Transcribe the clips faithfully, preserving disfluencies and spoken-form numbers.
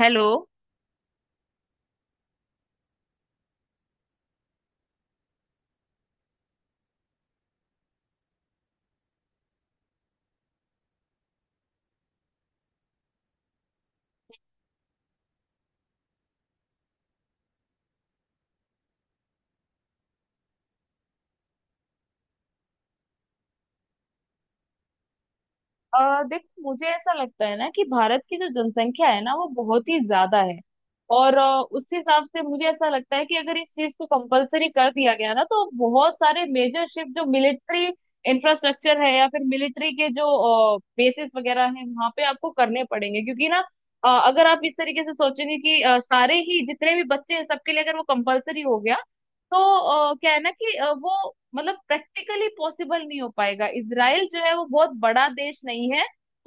Hello. अ, देख मुझे ऐसा लगता है ना कि भारत की जो जनसंख्या है ना वो बहुत ही ज्यादा है। और अ, उस हिसाब से मुझे ऐसा लगता है कि अगर इस चीज को कंपलसरी कर दिया गया ना तो बहुत सारे मेजर शिफ्ट जो मिलिट्री इंफ्रास्ट्रक्चर है या फिर मिलिट्री के जो बेसिस वगैरह है वहां पे आपको करने पड़ेंगे, क्योंकि ना अ, अगर आप इस तरीके से सोचेंगे कि अ, सारे ही जितने भी बच्चे हैं सबके लिए अगर वो कंपलसरी हो गया तो अ, क्या है ना कि अ, वो मतलब प्रैक्टिकली पॉसिबल नहीं हो पाएगा। इसराइल जो है वो बहुत बड़ा देश नहीं है,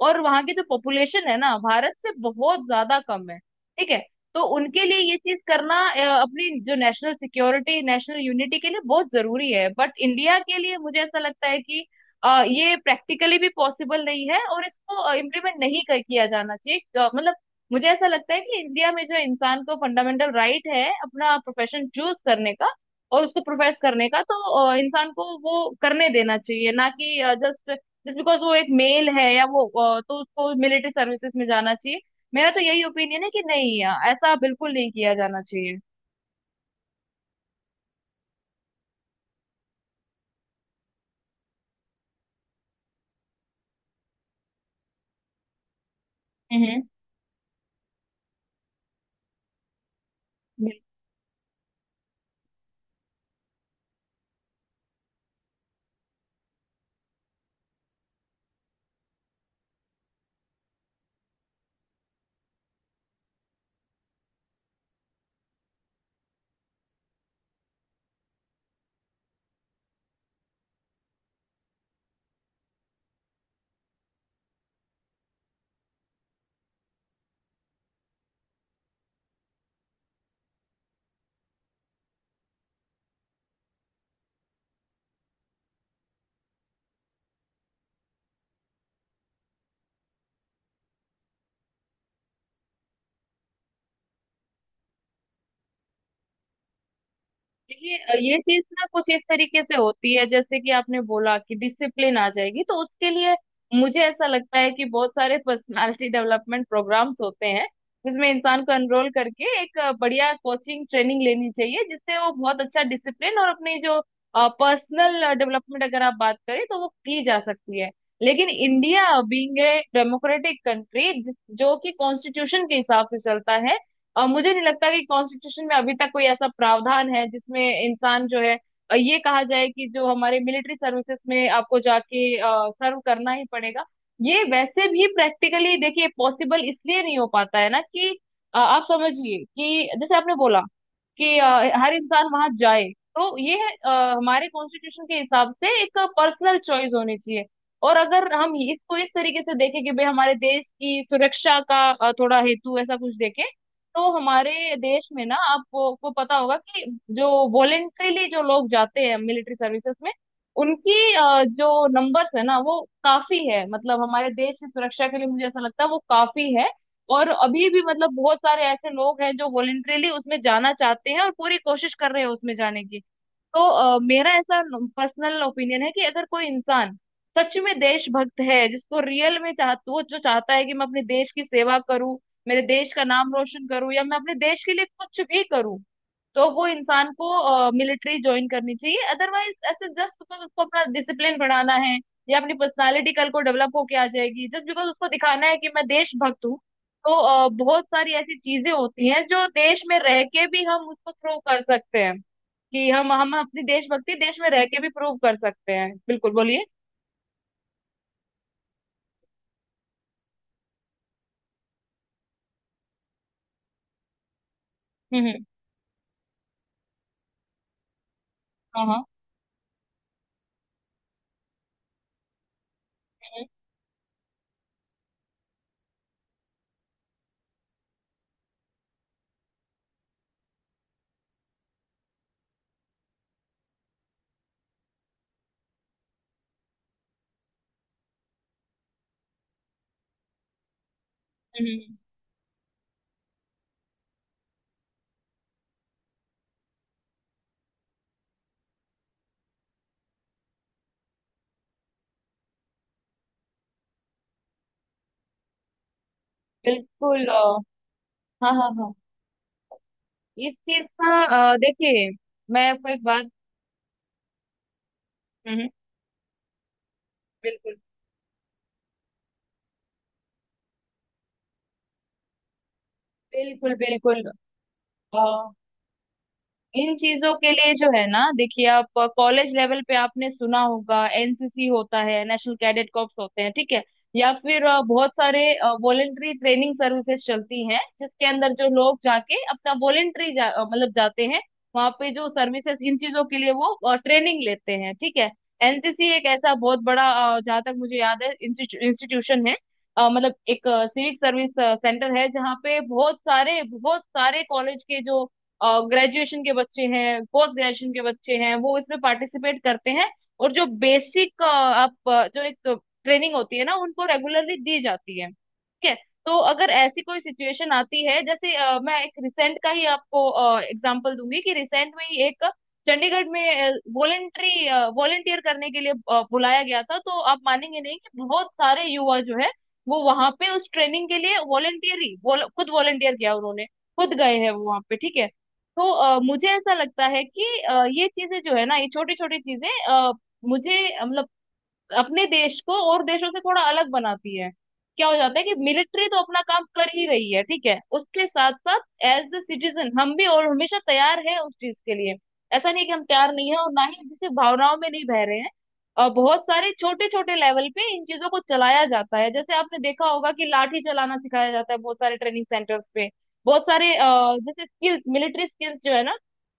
और वहां की जो पॉपुलेशन है ना भारत से बहुत ज्यादा कम है। ठीक है। तो उनके लिए ये चीज करना अ, अपनी जो नेशनल सिक्योरिटी नेशनल यूनिटी के लिए बहुत जरूरी है, बट इंडिया के लिए मुझे ऐसा लगता है कि अ, ये प्रैक्टिकली भी पॉसिबल नहीं है और इसको इम्प्लीमेंट नहीं कर किया जाना चाहिए। अ, मतलब मुझे ऐसा लगता है कि इंडिया में जो इंसान को फंडामेंटल राइट है अपना प्रोफेशन चूज करने का और उसको प्रोफेस करने का, तो अ, इंसान को वो करने देना चाहिए, ना कि जस्ट जस्ट बिकॉज वो एक मेल है या वो अ, तो उसको मिलिट्री सर्विसेज में जाना चाहिए। मेरा तो यही ओपिनियन है कि नहीं, अ, ऐसा बिल्कुल नहीं किया जाना चाहिए। हम्म। ये ये चीज ना कुछ इस तरीके से होती है जैसे कि आपने बोला कि डिसिप्लिन आ जाएगी, तो उसके लिए मुझे ऐसा लगता है कि बहुत सारे पर्सनालिटी डेवलपमेंट प्रोग्राम्स होते हैं जिसमें इंसान को एनरोल करके एक अ, बढ़िया कोचिंग ट्रेनिंग लेनी चाहिए, जिससे वो बहुत अच्छा डिसिप्लिन और अपनी जो पर्सनल डेवलपमेंट अगर आप बात करें तो वो की जा सकती है। लेकिन India being a democratic country, जो कि कॉन्स्टिट्यूशन के हिसाब से चलता है, और मुझे नहीं लगता कि कॉन्स्टिट्यूशन में अभी तक कोई ऐसा प्रावधान है जिसमें इंसान जो है अ, ये कहा जाए कि जो हमारे मिलिट्री सर्विसेज में आपको जाके सर्व करना ही पड़ेगा। ये वैसे भी प्रैक्टिकली देखिए पॉसिबल इसलिए नहीं हो पाता है ना कि अ, आप समझिए कि जैसे आपने बोला कि अ, हर इंसान वहां जाए। तो ये है अ, हमारे कॉन्स्टिट्यूशन के हिसाब से एक पर्सनल चॉइस होनी चाहिए। और अगर हम इसको इस तरीके से देखें कि भाई हमारे देश की सुरक्षा का अ, थोड़ा हेतु ऐसा कुछ देखें, तो हमारे देश में ना आपको को पता होगा कि जो वॉलेंट्रीली जो लोग जाते हैं मिलिट्री सर्विसेज में, उनकी अ, जो नंबर्स है ना वो काफी है, मतलब हमारे देश की सुरक्षा के लिए मुझे ऐसा लगता है वो काफी है। और अभी भी मतलब बहुत सारे ऐसे लोग हैं जो वॉलेंटरीली उसमें जाना चाहते हैं और पूरी कोशिश कर रहे हैं उसमें जाने की। तो अ, मेरा ऐसा पर्सनल ओपिनियन है कि अगर कोई इंसान सच में देशभक्त है, जिसको रियल में चाह वो जो चाहता है कि मैं अपने देश की सेवा करूं, मेरे देश का नाम रोशन करूं, या मैं अपने देश के लिए कुछ भी करूं, तो वो इंसान को मिलिट्री ज्वाइन करनी चाहिए। अदरवाइज ऐसे जस्ट बिकॉज उसको अपना डिसिप्लिन बढ़ाना है या अपनी पर्सनालिटी कल को डेवलप होके आ जाएगी, जस्ट बिकॉज उसको दिखाना है कि मैं देशभक्त हूँ, तो अ, बहुत सारी ऐसी चीजें होती हैं जो देश में रह के भी हम उसको प्रूव कर सकते हैं, कि हम हम अपनी देशभक्ति देश में रह के भी प्रूव कर सकते हैं। बिल्कुल बोलिए। हम्म, हम्म, हाँ हाँ। हम्म, हम्म, हम्म, बिल्कुल। अ, हाँ, हाँ, हाँ। इस चीज का अ, देखिए, मैं आपको एक बात। हम्म। बिल्कुल, बिल्कुल, बिल्कुल। अ, इन चीजों के लिए जो है ना, देखिए आप कॉलेज लेवल पे आपने सुना होगा एनसीसी होता है, नेशनल कैडेट कॉर्प्स होते हैं। ठीक है। या फिर अ, बहुत सारे वॉलेंट्री ट्रेनिंग सर्विसेज चलती हैं जिसके अंदर जो लोग जाके अपना वॉलेंट्री जा, अ, मतलब जाते हैं, वहाँ पे जो सर्विसेज इन चीजों के लिए वो ट्रेनिंग लेते हैं। ठीक है। एनसीसी एक ऐसा बहुत बड़ा अ, जहाँ तक मुझे याद है इंस्टीट्यूशन है। अ, मतलब एक सिविक सर्विस सेंटर है जहाँ पे बहुत सारे बहुत सारे कॉलेज के जो ग्रेजुएशन के बच्चे हैं, पोस्ट ग्रेजुएशन के बच्चे हैं, वो इसमें पार्टिसिपेट करते हैं। और जो बेसिक आप अ, जो एक ट्रेनिंग होती है ना उनको रेगुलरली दी जाती है। ठीक है। तो अगर ऐसी कोई सिचुएशन आती है जैसे अ, मैं एक रिसेंट का ही आपको एग्जांपल दूंगी कि रिसेंट में ही एक चंडीगढ़ में वॉलेंट्री वॉलेंटियर करने के लिए अ, बुलाया गया था, तो आप मानेंगे नहीं कि बहुत सारे युवा जो है वो वहां पे उस ट्रेनिंग के लिए वॉलेंटियर ही वॉल- खुद वॉलेंटियर किया उन्होंने, खुद गए हैं वो वहां पे। ठीक है। तो अ, मुझे ऐसा लगता है कि अ, ये चीजें जो है ना, ये छोटी छोटी चीजें अ, मुझे मतलब अपने देश को और देशों से थोड़ा अलग बनाती है। क्या हो जाता है कि मिलिट्री तो अपना काम कर ही रही है, ठीक है, उसके साथ साथ एज द सिटीजन हम भी और हमेशा तैयार है उस चीज के लिए। ऐसा नहीं है कि हम तैयार नहीं है और ना ही किसी भावनाओं में नहीं बह रहे हैं। और बहुत सारे छोटे छोटे लेवल पे इन चीजों को चलाया जाता है, जैसे आपने देखा होगा कि लाठी चलाना सिखाया जाता है बहुत सारे ट्रेनिंग सेंटर्स पे। बहुत सारे अ, जैसे स्किल्स मिलिट्री स्किल्स जो है ना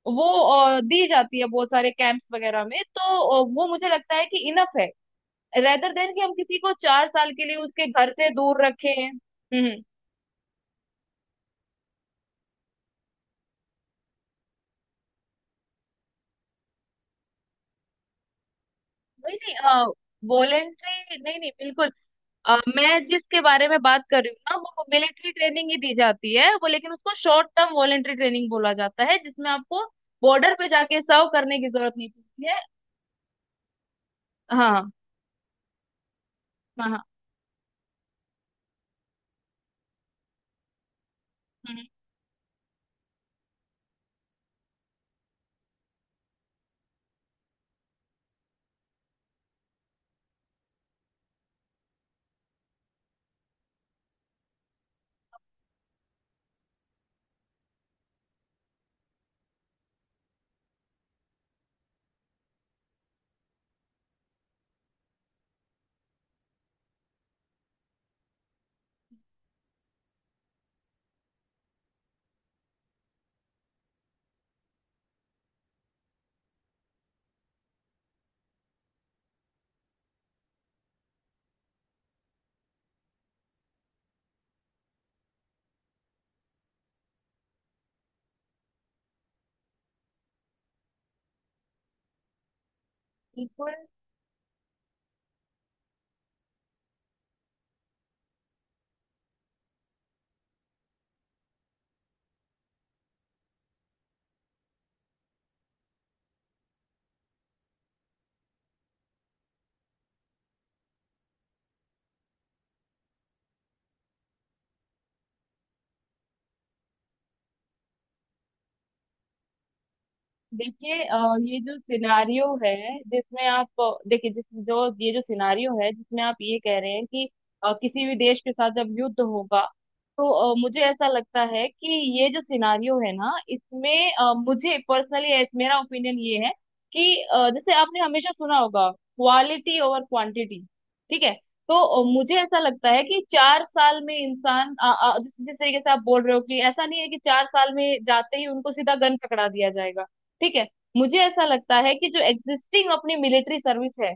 वो अ, दी जाती है बहुत सारे कैंप्स वगैरह में। तो अ, वो मुझे लगता है कि इनफ है, रेदर देन कि हम किसी को चार साल के लिए उसके घर से दूर रखें। हम्म, हम्म। नहीं नहीं, वॉलेंट्री नहीं नहीं, बिल्कुल। अ, मैं जिसके बारे में बात कर रही हूँ ना वो मिलिट्री ट्रेनिंग ही दी जाती है वो, लेकिन उसको शॉर्ट टर्म वॉलेंट्री ट्रेनिंग बोला जाता है, जिसमें आपको बॉर्डर पे जाके सर्व करने की जरूरत नहीं पड़ती है। हाँ, हाँ, हाँ। हाँ, हम्म, बिल्कुल। देखिए, अ, ये जो सिनारियो है जिसमें आप अ, देखिए जिस जो ये जो सिनारियो है जिसमें आप ये कह रहे हैं कि अ, किसी भी देश के साथ जब युद्ध होगा, तो अ, मुझे ऐसा लगता है कि ये जो सिनारियो है ना इसमें अ, मुझे पर्सनली मेरा ओपिनियन ये है कि अ, जैसे आपने हमेशा सुना होगा क्वालिटी ओवर क्वांटिटी। ठीक है। तो अ, मुझे ऐसा लगता है कि चार साल में इंसान अ, अ, जिस जिस तरीके से आप बोल रहे हो कि ऐसा नहीं है कि चार साल में जाते ही उनको सीधा गन पकड़ा दिया जाएगा। ठीक है। मुझे ऐसा लगता है कि जो एग्जिस्टिंग अपनी मिलिट्री सर्विस है,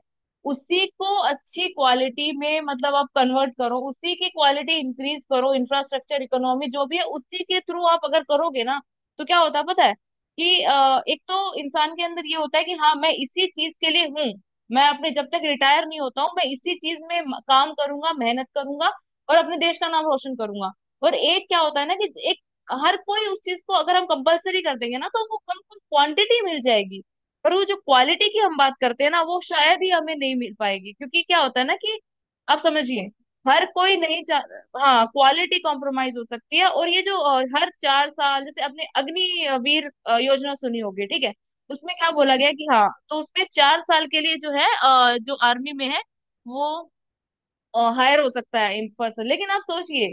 उसी को अच्छी क्वालिटी में मतलब आप कन्वर्ट करो, उसी की क्वालिटी इंक्रीज करो, इंफ्रास्ट्रक्चर इकोनॉमी जो भी है उसी के थ्रू आप अगर करोगे ना, तो क्या होता है पता है, कि अ, एक तो इंसान के अंदर ये होता है कि हाँ मैं इसी चीज के लिए हूँ, मैं अपने जब तक रिटायर नहीं होता हूँ मैं इसी चीज में म- काम करूंगा, मेहनत करूंगा और अपने देश का नाम रोशन करूंगा। और एक क्या होता है ना कि एक हर कोई उस चीज को अगर हम कंपलसरी कर देंगे ना तो वो हमको क्वांटिटी मिल जाएगी, पर वो जो क्वालिटी की हम बात करते हैं ना वो शायद ही हमें नहीं मिल पाएगी, क्योंकि क्या होता है ना कि आप समझिए हर कोई नहीं चाह, हाँ क्वालिटी कॉम्प्रोमाइज हो सकती है। और ये जो अ, हर चार साल जैसे आपने अग्निवीर अ, योजना सुनी होगी। ठीक है। उसमें क्या बोला गया कि हाँ तो उसमें चार साल के लिए जो है अ, जो आर्मी में है वो हायर हो सकता है इन पर्सन। लेकिन आप सोचिए,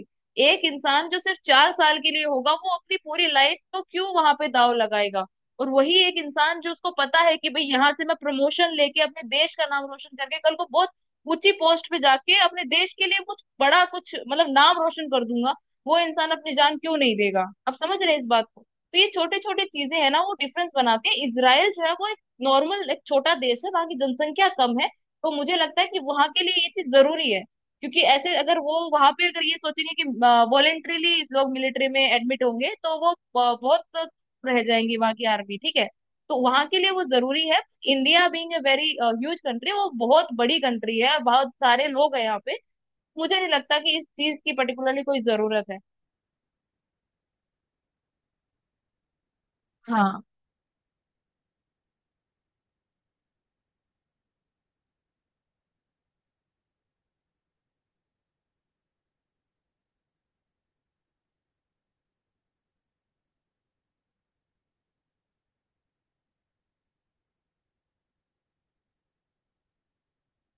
एक इंसान जो सिर्फ चार साल के लिए होगा वो अपनी पूरी लाइफ को क्यों वहां पे दाव लगाएगा, और वही एक इंसान जो उसको पता है कि भाई यहाँ से मैं प्रमोशन लेके अपने देश का नाम रोशन करके कल को बहुत ऊंची पोस्ट पे जाके अपने देश के लिए कुछ बड़ा कुछ मतलब नाम रोशन कर दूंगा, वो इंसान अपनी जान क्यों नहीं देगा? आप समझ रहे हैं इस बात को, तो ये छोटे छोटे चीजें हैं ना वो डिफरेंस बनाती है। इसराइल जो है वो एक नॉर्मल एक छोटा देश है, वहां की जनसंख्या कम है, तो मुझे लगता है कि वहां के लिए ये चीज जरूरी है। क्योंकि ऐसे अगर वो वहां पे अगर ये सोचेंगे कि वॉलेंट्रीली लोग मिलिट्री में एडमिट होंगे, तो वो ब- बहुत रह जाएंगी वहां की आर्मी। ठीक है। तो वहां के लिए वो जरूरी है। India being a very huge country, वो बहुत बड़ी कंट्री है, बहुत सारे लोग हैं यहाँ पे, मुझे नहीं लगता कि इस चीज की पर्टिकुलरली कोई जरूरत है। हाँ,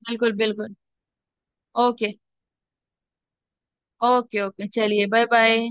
बिल्कुल, बिल्कुल। ओके, ओके, ओके, चलिए, बाय बाय।